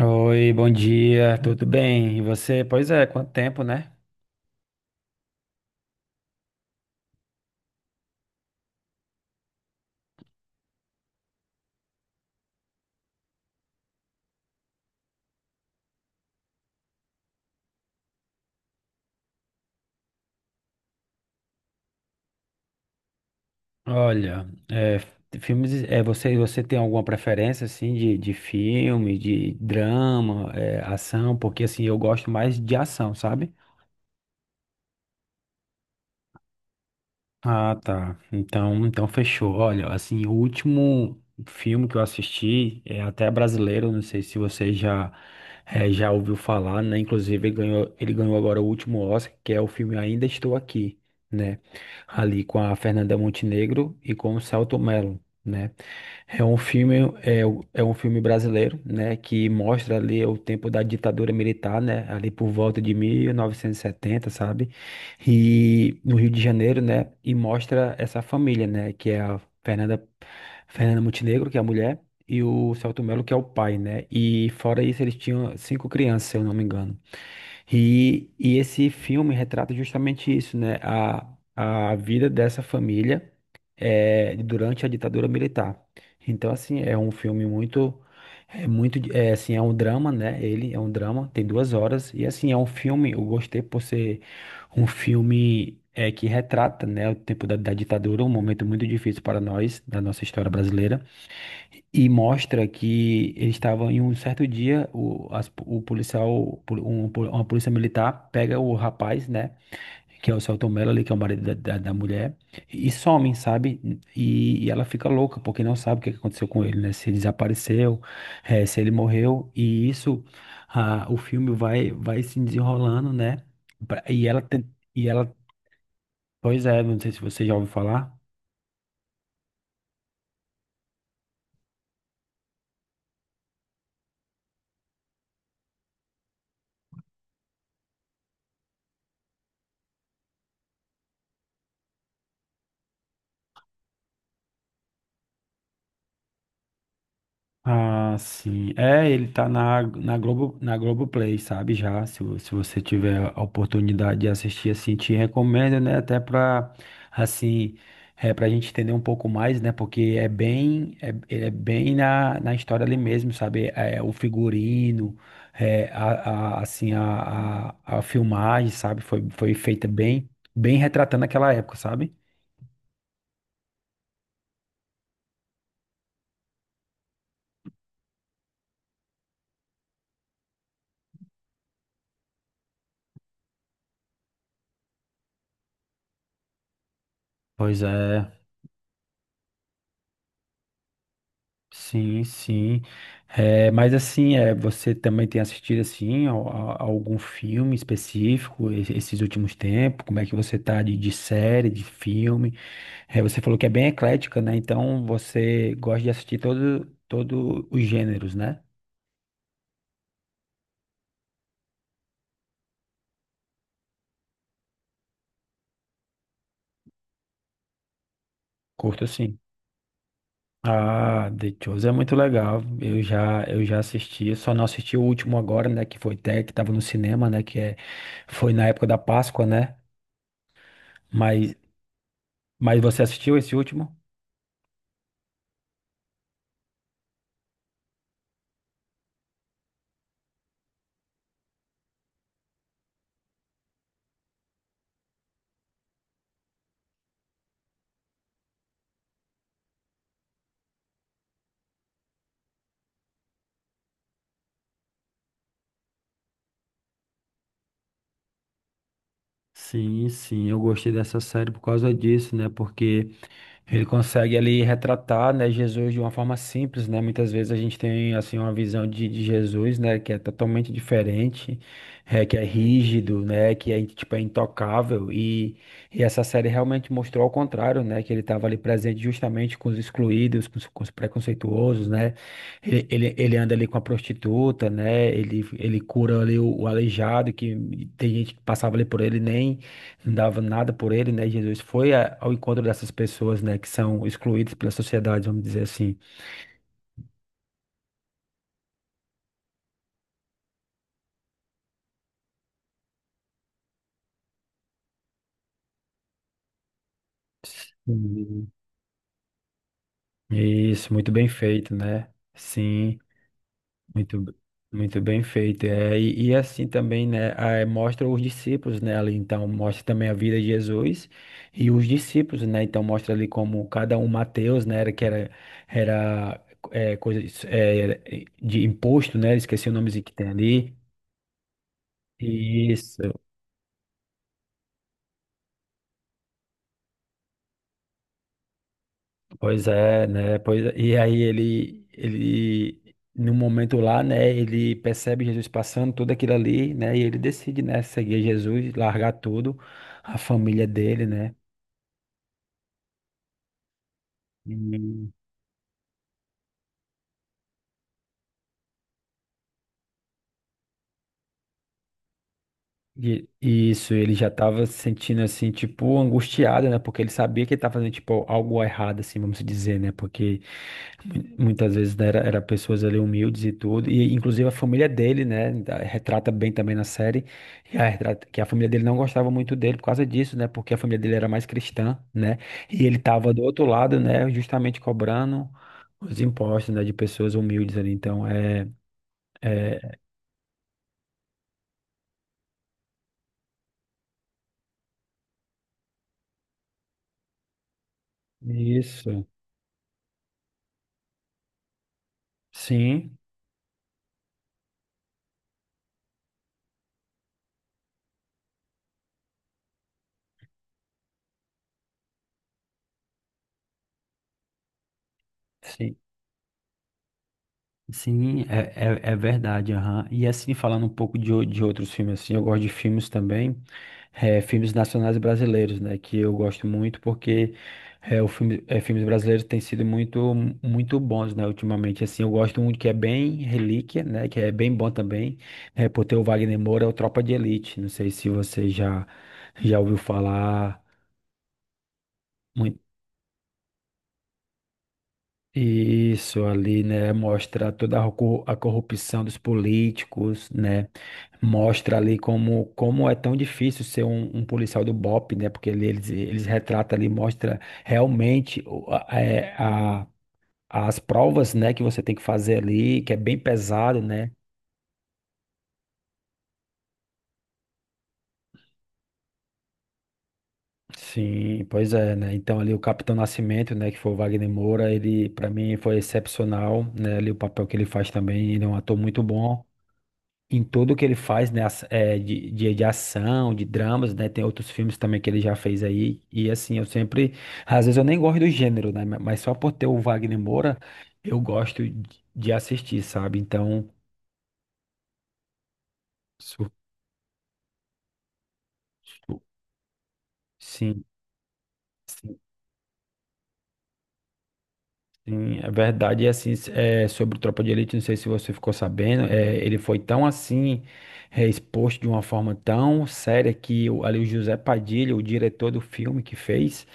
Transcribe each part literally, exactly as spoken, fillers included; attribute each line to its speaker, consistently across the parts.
Speaker 1: Oi, bom dia, tudo bem? E você? Pois é, quanto tempo, né? Olha, é, filmes, é, você, você tem alguma preferência, assim, de, de filme, de drama, é, ação? Porque, assim, eu gosto mais de ação, sabe? Ah, tá. Então, então fechou. Olha, assim, o último filme que eu assisti é até brasileiro, não sei se você já eh, já ouviu falar, né? Inclusive, ele ganhou, ele ganhou agora o último Oscar, que é o filme Ainda Estou Aqui, né? Ali com a Fernanda Montenegro e com o Selton Mello, né? É um filme, é, o- é um filme brasileiro, né, que mostra ali o tempo da ditadura militar, né, ali por volta de mil novecentos e setenta, sabe? E no Rio de Janeiro, né? E mostra essa família, né? Que é a Fernanda, Fernanda Montenegro, que é a mulher, e o Celto Melo, que é o pai, né? E fora isso, eles tinham cinco crianças, se eu não me engano. E, e esse filme retrata justamente isso, né? A, a vida dessa família eh, durante a ditadura militar. Então, assim, é um filme muito, é muito, de- é, assim, é um drama, né? Ele é um drama, tem duas horas. E, assim, é um filme, eu gostei por ser um filme é, que retrata, né, o tempo da, da ditadura, um momento muito difícil para nós, da nossa história brasileira. E mostra que eles estavam em um certo dia, o, as- o policial, pol- um, pol- uma polícia militar pega o rapaz, né? Que é o Celton Mello ali, que é o marido da, da, da mulher, e some, sabe? E, e ela fica louca, porque não sabe o que que aconteceu com ele, né? Se ele desapareceu, eh, se ele morreu. E isso, ah, o filme vai, vai se desenrolando, né? pra- E ela, ten- e ela, pois é, não sei se você já ouviu falar. Ah, sim. É, ele tá na, na Globo, na Globoplay, sabe? Já, se, vo- se você tiver a oportunidade de assistir, assim, te recomendo, né? Até pra, assim, é, pra gente entender um pouco mais, né? Porque é bem, é, ele é bem na, na história ali mesmo, sabe? É, o figurino, é, a, a- assim, a, a, a filmagem, sabe? Foi, foi feita bem, bem retratando aquela época, sabe? Pois é. Sim, sim. É, mas assim, é, você também tem assistido assim a, a- a algum filme específico e- esses últimos tempos? Como é que você tá de, de série, de filme? É, você falou que é bem eclética, né? Então você gosta de assistir todo, todo os gêneros, né? Curto assim. Ah, The Chosen é muito legal. Eu já, eu já assisti, eu só não assisti o último agora, né? Que foi até que tava no cinema, né? Que é, foi na época da Páscoa, né? Mas, mas você assistiu esse último? Sim, sim, eu gostei dessa série por causa disso, né? Porque ele consegue ali retratar, né, Jesus de uma forma simples, né? Muitas vezes a gente tem assim uma visão de, de Jesus, né, que é totalmente diferente, é, que é rígido, né, que é tipo é intocável e, e essa série realmente mostrou ao contrário, né, que ele estava ali presente justamente com os excluídos, com os, com os preconceituosos, né? Ele, ele, ele anda ali com a prostituta, né? Ele, ele cura ali o, o aleijado que tem gente que passava ali por ele nem não dava nada por ele, né? Jesus foi a- ao encontro dessas pessoas, né, que são excluídas pela sociedade, vamos dizer assim. Uhum. Isso, muito bem feito, né? Sim, muito, b- muito bem feito. É, e, e assim também, né, ah, mostra os discípulos, né, ali, então mostra também a vida de Jesus e os discípulos, né? Então mostra ali como cada um, Mateus, né, era que era era é, coisa de- é, de imposto, né? Esqueci o nomezinho que tem ali. Isso, pois é, né? Pois é. E aí ele, ele, no momento lá, né? Ele percebe Jesus passando tudo aquilo ali, né? E ele decide, né? Seguir Jesus, largar tudo, a família dele, né? E, e- e isso, ele já tava se sentindo assim, tipo, angustiado, né? Porque ele sabia que ele tava fazendo, tipo, algo errado, assim, vamos dizer, né? Porque muitas vezes né, era, era pessoas ali humildes e tudo, e inclusive a família dele, né, da- retrata bem também na série, e a retrata- que a família dele não gostava muito dele por causa disso, né, porque a família dele era mais cristã, né, e ele tava do outro lado, né, justamente cobrando os impostos, né, de pessoas humildes ali, então é, é isso, sim, sim. Sim, é, é, é verdade, aham. E assim, falando um pouco de, o- de outros filmes, assim, eu gosto de filmes também, eh, filmes nacionais brasileiros, né, que eu gosto muito porque eh, o filme, eh, filmes brasileiros têm sido muito, muito bons, né, ultimamente, assim, eu gosto muito que é bem Relíquia, né, que é bem bom também, eh, por ter o Wagner Moura, é o Tropa de Elite, não sei se você já, já ouviu falar muito isso ali, né, mostra toda a corru- a corrupção dos políticos, né, mostra ali como, como é tão difícil ser um, um policial do B O P, né? Porque ele- eles, eles retratam ali, mostra realmente o- a, é, a- as provas, né, que você tem que fazer ali, que é bem pesado, né? Sim, pois é, né? Então ali o Capitão Nascimento, né, que foi o Wagner Moura, ele para mim foi excepcional, né? Ali o papel que ele faz também, ele é um ator muito bom. Em tudo que ele faz, né, as- é, de, de, de ação, de dramas, né, tem outros filmes também que ele já fez aí, e assim, eu sempre, às vezes eu nem gosto do gênero, né, ma- mas só por ter o Wagner Moura, eu gosto de de assistir, sabe, então, su- su- sim, sim, sim, é verdade, e assim, s- é, sobre o Tropa de Elite, não sei se você ficou sabendo, é, ele foi tão assim, é, exposto de uma forma tão séria que o, ali o José Padilha, o diretor do filme que fez,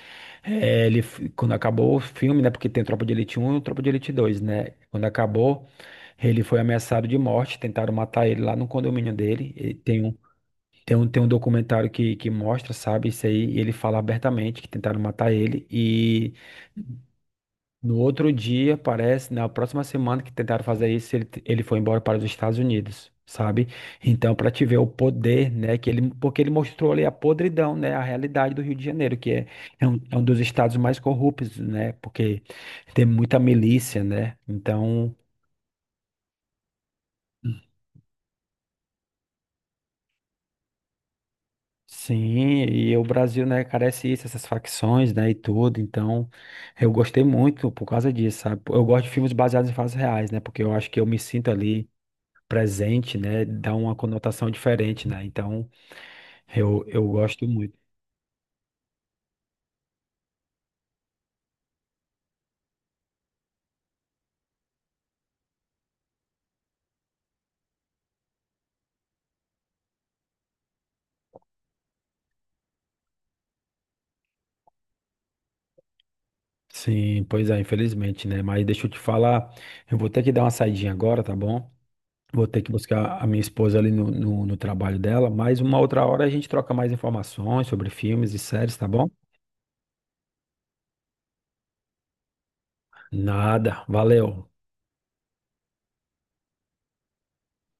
Speaker 1: é, ele, f- quando acabou o filme, né? Porque tem Tropa de Elite Um e Tropa de Elite Dois, né? Quando acabou, ele foi ameaçado de morte, tentaram matar ele lá no condomínio dele. E tem um, tem um, tem um documentário que, que mostra, sabe, isso aí. E ele fala abertamente que tentaram matar ele. E no outro dia, parece, na próxima semana que tentaram fazer isso, ele, ele foi embora para os Estados Unidos, sabe? Então, para te ver o poder, né, que ele, porque ele mostrou ali a podridão, né, a realidade do Rio de Janeiro, que é, é, um, é um dos estados mais corruptos, né, porque tem muita milícia, né? Então, sim, e o Brasil, né, carece isso, essas facções, né, e tudo. Então, eu gostei muito por causa disso, sabe? Eu gosto de filmes baseados em fatos reais, né, porque eu acho que eu me sinto ali presente, né, dá uma conotação diferente, né? Então, eu, eu gosto muito. Sim, pois é, infelizmente, né? Mas deixa eu te falar, eu vou ter que dar uma saidinha agora, tá bom? Vou ter que buscar a minha esposa ali no, no, no trabalho dela, mas uma outra hora a gente troca mais informações sobre filmes e séries, tá bom? Nada, valeu.